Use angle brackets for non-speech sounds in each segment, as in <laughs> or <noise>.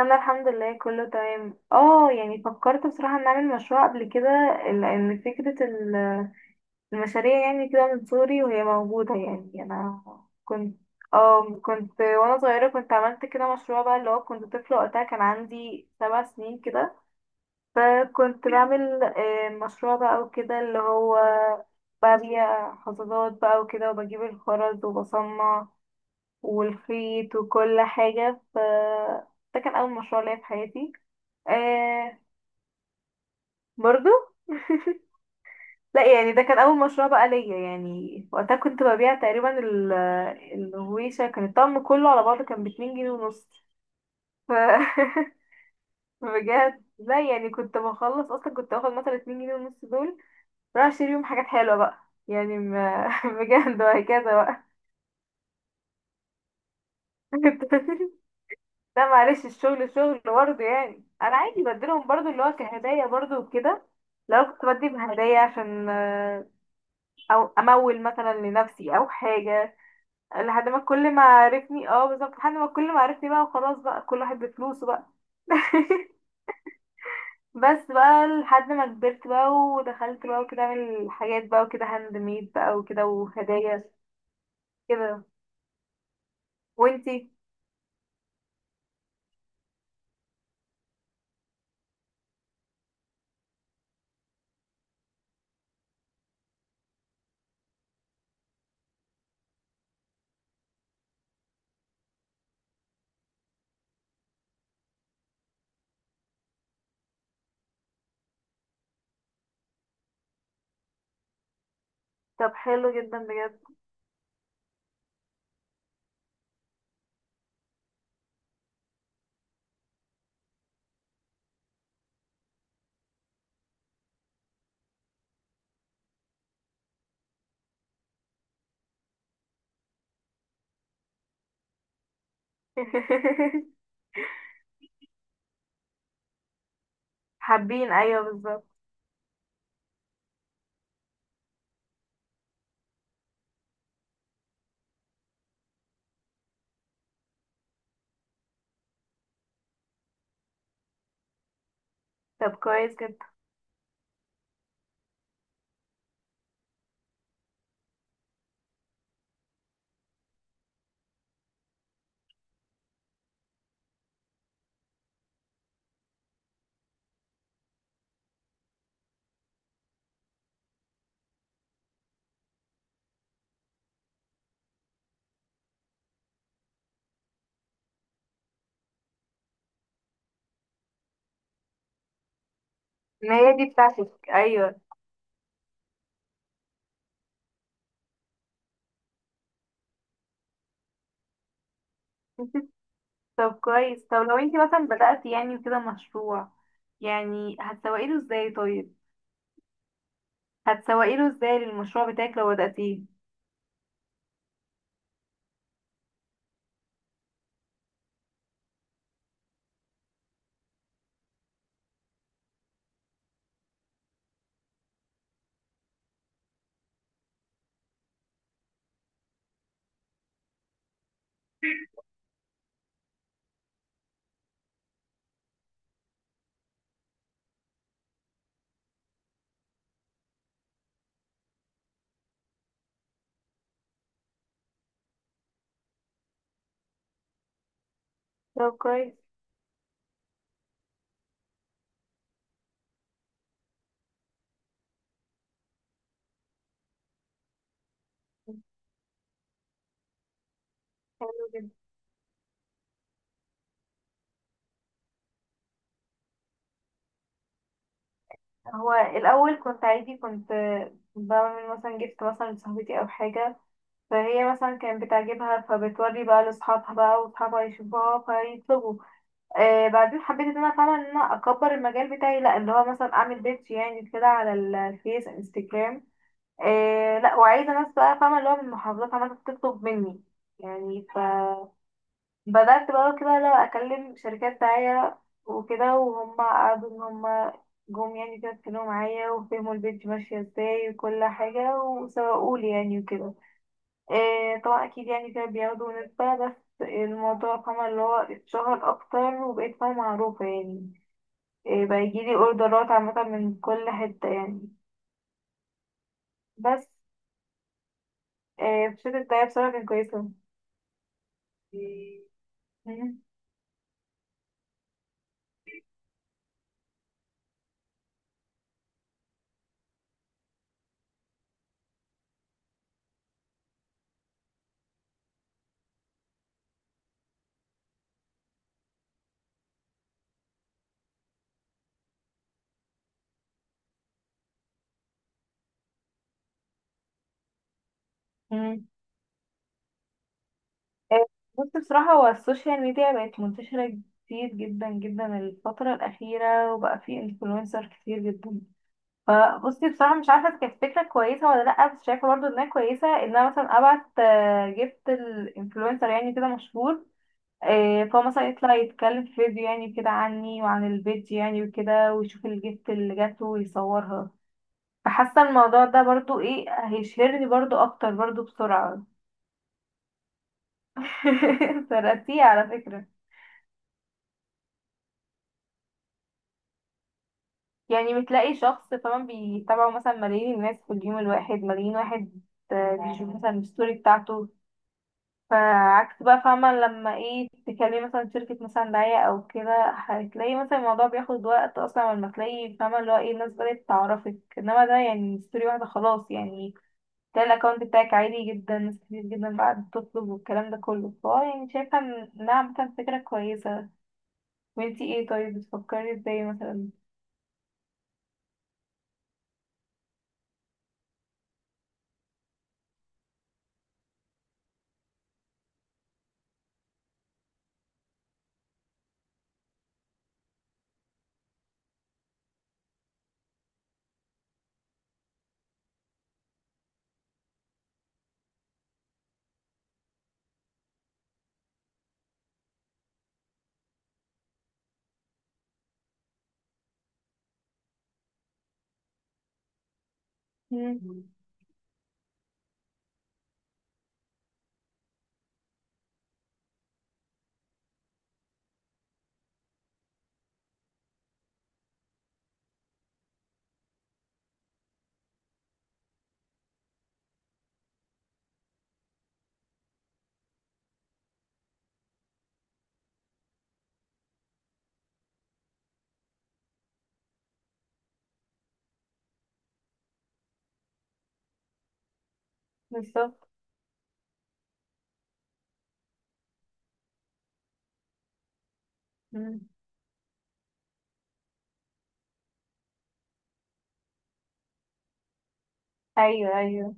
انا الحمد لله كله تمام. اه يعني فكرت بصراحة ان اعمل مشروع قبل كده، لان فكرة المشاريع يعني كده من صغري وهي موجودة. يعني انا كنت وانا صغيرة كنت عملت كده مشروع بقى، اللي هو كنت طفلة وقتها، كان عندي 7 سنين كده. فكنت بعمل مشروع بقى وكده، اللي هو ببيع حصادات بقى وكده، وبجيب الخرز وبصنع والخيط وكل حاجة، ف ده كان أول مشروع ليا في حياتي. آه برضو، لا يعني ده كان اول مشروع بقى ليا، يعني وقتها كنت ببيع تقريبا الهويشة، كان الطقم كله على بعضه كان ب 2 جنيه ونص. ف <laughs> بجد، لا يعني كنت بخلص اصلا، كنت باخد مثلا 2 جنيه ونص دول رايح اشتري بيهم حاجات حلوة بقى، يعني ما <laughs> بجد وهكذا بقى. <laughs> لا معلش، الشغل شغل برضه، يعني انا عادي بديلهم برضه اللي هو كهدايا برضه وكده، لو كنت بدي بهدايا عشان او امول مثلا لنفسي او حاجة، لحد ما كل ما عرفني، اه بالظبط، لحد ما كل ما عرفني بقى وخلاص بقى، كل واحد بفلوسه بقى. <laughs> بس بقى لحد ما كبرت بقى ودخلت بقى وكده اعمل حاجات بقى وكده هاند ميد بقى وكده وهدايا كده. وانتي؟ طب حلو جدا بجد. <laughs> حابين، ايوه بالظبط. طب كويس جدا. ما هي دي بتاعتك، ايوه. <laughs> طب كويس، طب لو انتي مثلا بدأتي يعني كده مشروع، يعني هتسوقي له ازاي طيب؟ هتسوقي له ازاي للمشروع بتاعك لو بدأتيه؟ طب كويس، حلو جدا. هو الاول كنت عادي، كنت بعمل مثلا، جبت مثلا لصاحبتي او حاجه، فهي مثلا كانت بتعجبها، فبتوري بقى لاصحابها بقى، واصحابها يشوفوها فيطلبوا. آه بعدين حبيت ان انا اكبر المجال بتاعي، لا اللي هو مثلا اعمل بيدج يعني كده على الفيس انستجرام. لا، وعايزه ناس بقى فاهمه اللي هو من محافظات عماله تطلب مني يعني. بدأت بقى كده، لا أكلم شركات داعية وكده، وهم قعدوا إن هم جم يعني كده، اتكلموا معايا وفهموا البيج ماشية ازاي وكل حاجة، وسوقولي يعني وكده. إيه طبعا أكيد، يعني كده بياخدوا نسبة، بس الموضوع، فاهمة، اللي هو اتشهر أكتر وبقيت فاهمة معروفة يعني. إيه بقى، يجيلي أوردرات عامة من كل حتة يعني. بس إيه، في شركة داعية بصراحة كانت كويسة. مم. آه، بص، بصراحة هو السوشيال ميديا بقت منتشرة كتير جدا جدا الفترة الأخيرة، وبقى في انفلونسر كتير جدا. فبصي بصراحة مش عارفة إذا كانت فكرة كويسة ولا لأ، بس شايفة برضه إنها كويسة، إن أنا مثلا أبعت آه، جبت الانفلونسر يعني كده مشهور، فهو مثلا يطلع يتكلم في فيديو يعني كده عني وعن البيج يعني وكده، ويشوف الجيفت اللي جاته ويصورها. فحاسة الموضوع ده برضه ايه، هيشهرني برضه أكتر برضه بسرعة. <laughs> ترقتيه على فكرة. يعني بتلاقي شخص، فاهمة، بيتابعه مثلا ملايين الناس، في اليوم الواحد ملايين واحد بيشوف مثلا الستوري بتاعته. فعكس بقى، فاهمة، لما ايه تكلمي مثلا شركة مثلا دعاية أو كده، هتلاقي مثلا الموضوع بياخد وقت أصلا لما تلاقي، فاهمة، اللي هو ايه الناس بدأت تعرفك، انما ده يعني ستوري واحدة خلاص يعني. تلاقي الأكونت بتاعك عالي جدا، ناس كتير جدا بقى بتطلب والكلام ده كله، فهو يعني شايفة إنها عامة فكرة كويسة. وانتي ايه طيب، بتفكري ازاي مثلا؟ مم. بالظبط، ايوه ايوه.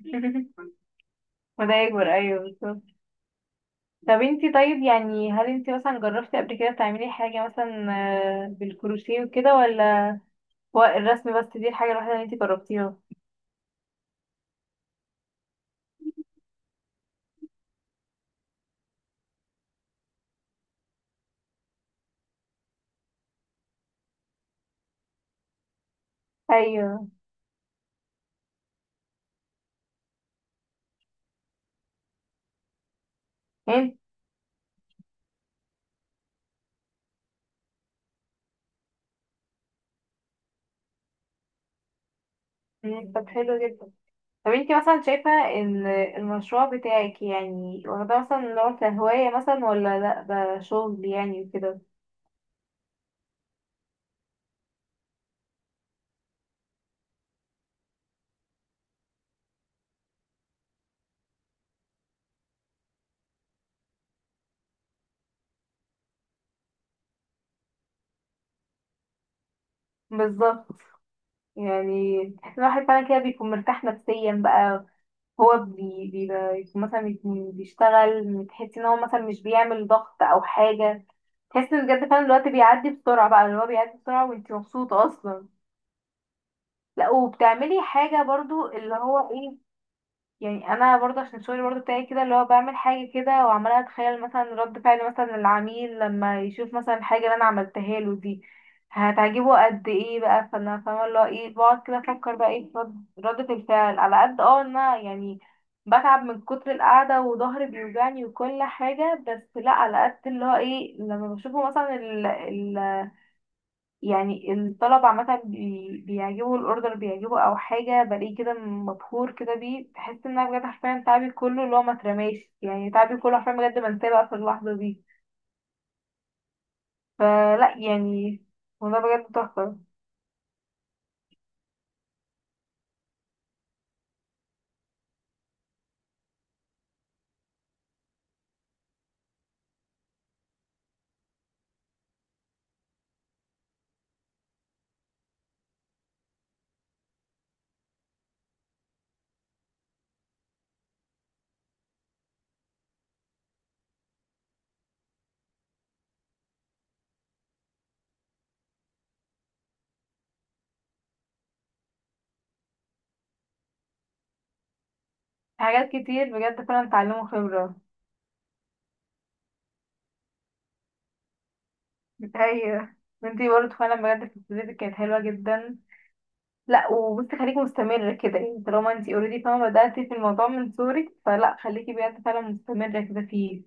<laughs> وده يكبر، ايوه بالظبط. طب انتي طيب، يعني هل انتي مثلا جربتي قبل كده تعملي حاجة مثلا بالكروشيه وكده، ولا هو الرسم بس دي الحاجة الوحيدة اللي انتي جربتيها؟ ايوه انت. مم، طب حلو جدا. طب انتي مثلا شايفة ان المشروع بتاعك يعني واخداه مثلا نوع كهواية مثلا، ولا لا ده شغل يعني وكده؟ بالظبط، يعني الواحد فعلا كده بيكون مرتاح نفسيا بقى، هو بيبقى مثلا يكون بيشتغل، تحس ان هو مثلا مش بيعمل ضغط او حاجة. تحس ان بجد فعلا الوقت بيعدي بسرعة بقى، اللي هو بيعدي بسرعة وانتي مبسوطة اصلا. لا وبتعملي حاجة برضو اللي هو ايه، يعني انا برضه عشان الشغل برضه بتاعي كده، اللي هو بعمل حاجه كده وعماله اتخيل مثلا رد فعل مثلا العميل لما يشوف مثلا الحاجه اللي انا عملتها له دي هتعجبه قد ايه بقى. فانا فاهمه اللي هو ايه، بقعد كده افكر بقى ايه في ردة الفعل، على قد ان انا يعني بتعب من كتر القعده وظهري بيوجعني وكل حاجه، بس لا على قد اللي هو ايه لما بشوفه مثلا، يعني الطلبة عامة بيعجبوا، الأوردر بيعجبوا أو حاجة، بلاقيه كده مبهور كده بيه، بحس إن أنا بجد حرفيا تعبي كله اللي هو ما اترماش. يعني تعبي كله حرفيا بجد بنساه بقى في اللحظة دي. فلا يعني الموضوع بجد تحفة. حاجات كتير بجد فعلا اتعلموا خبرة. أيوة. وانتي برضه فعلا بجد في ابتدائي كانت حلوة جدا. لا وبصي، خليكي مستمرة كده يعني، طالما انتي اوريدي فاهمة بدأتي في الموضوع من صغرك، فلا خليكي بجد فعلا مستمرة كده فيه.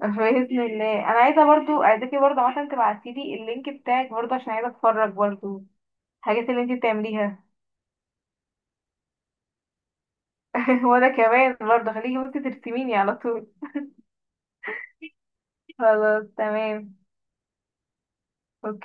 بإذن الله. أنا عايزة برضو، عايزاكي برضو عشان تبعتيلي اللينك بتاعك برضو عشان عايزة أتفرج برضو، الحاجات اللي انتي بتعمليها. <laughs> وأنا كمان برضو خليكي، وانتي ترسميني على طول. خلاص تمام. أوكي.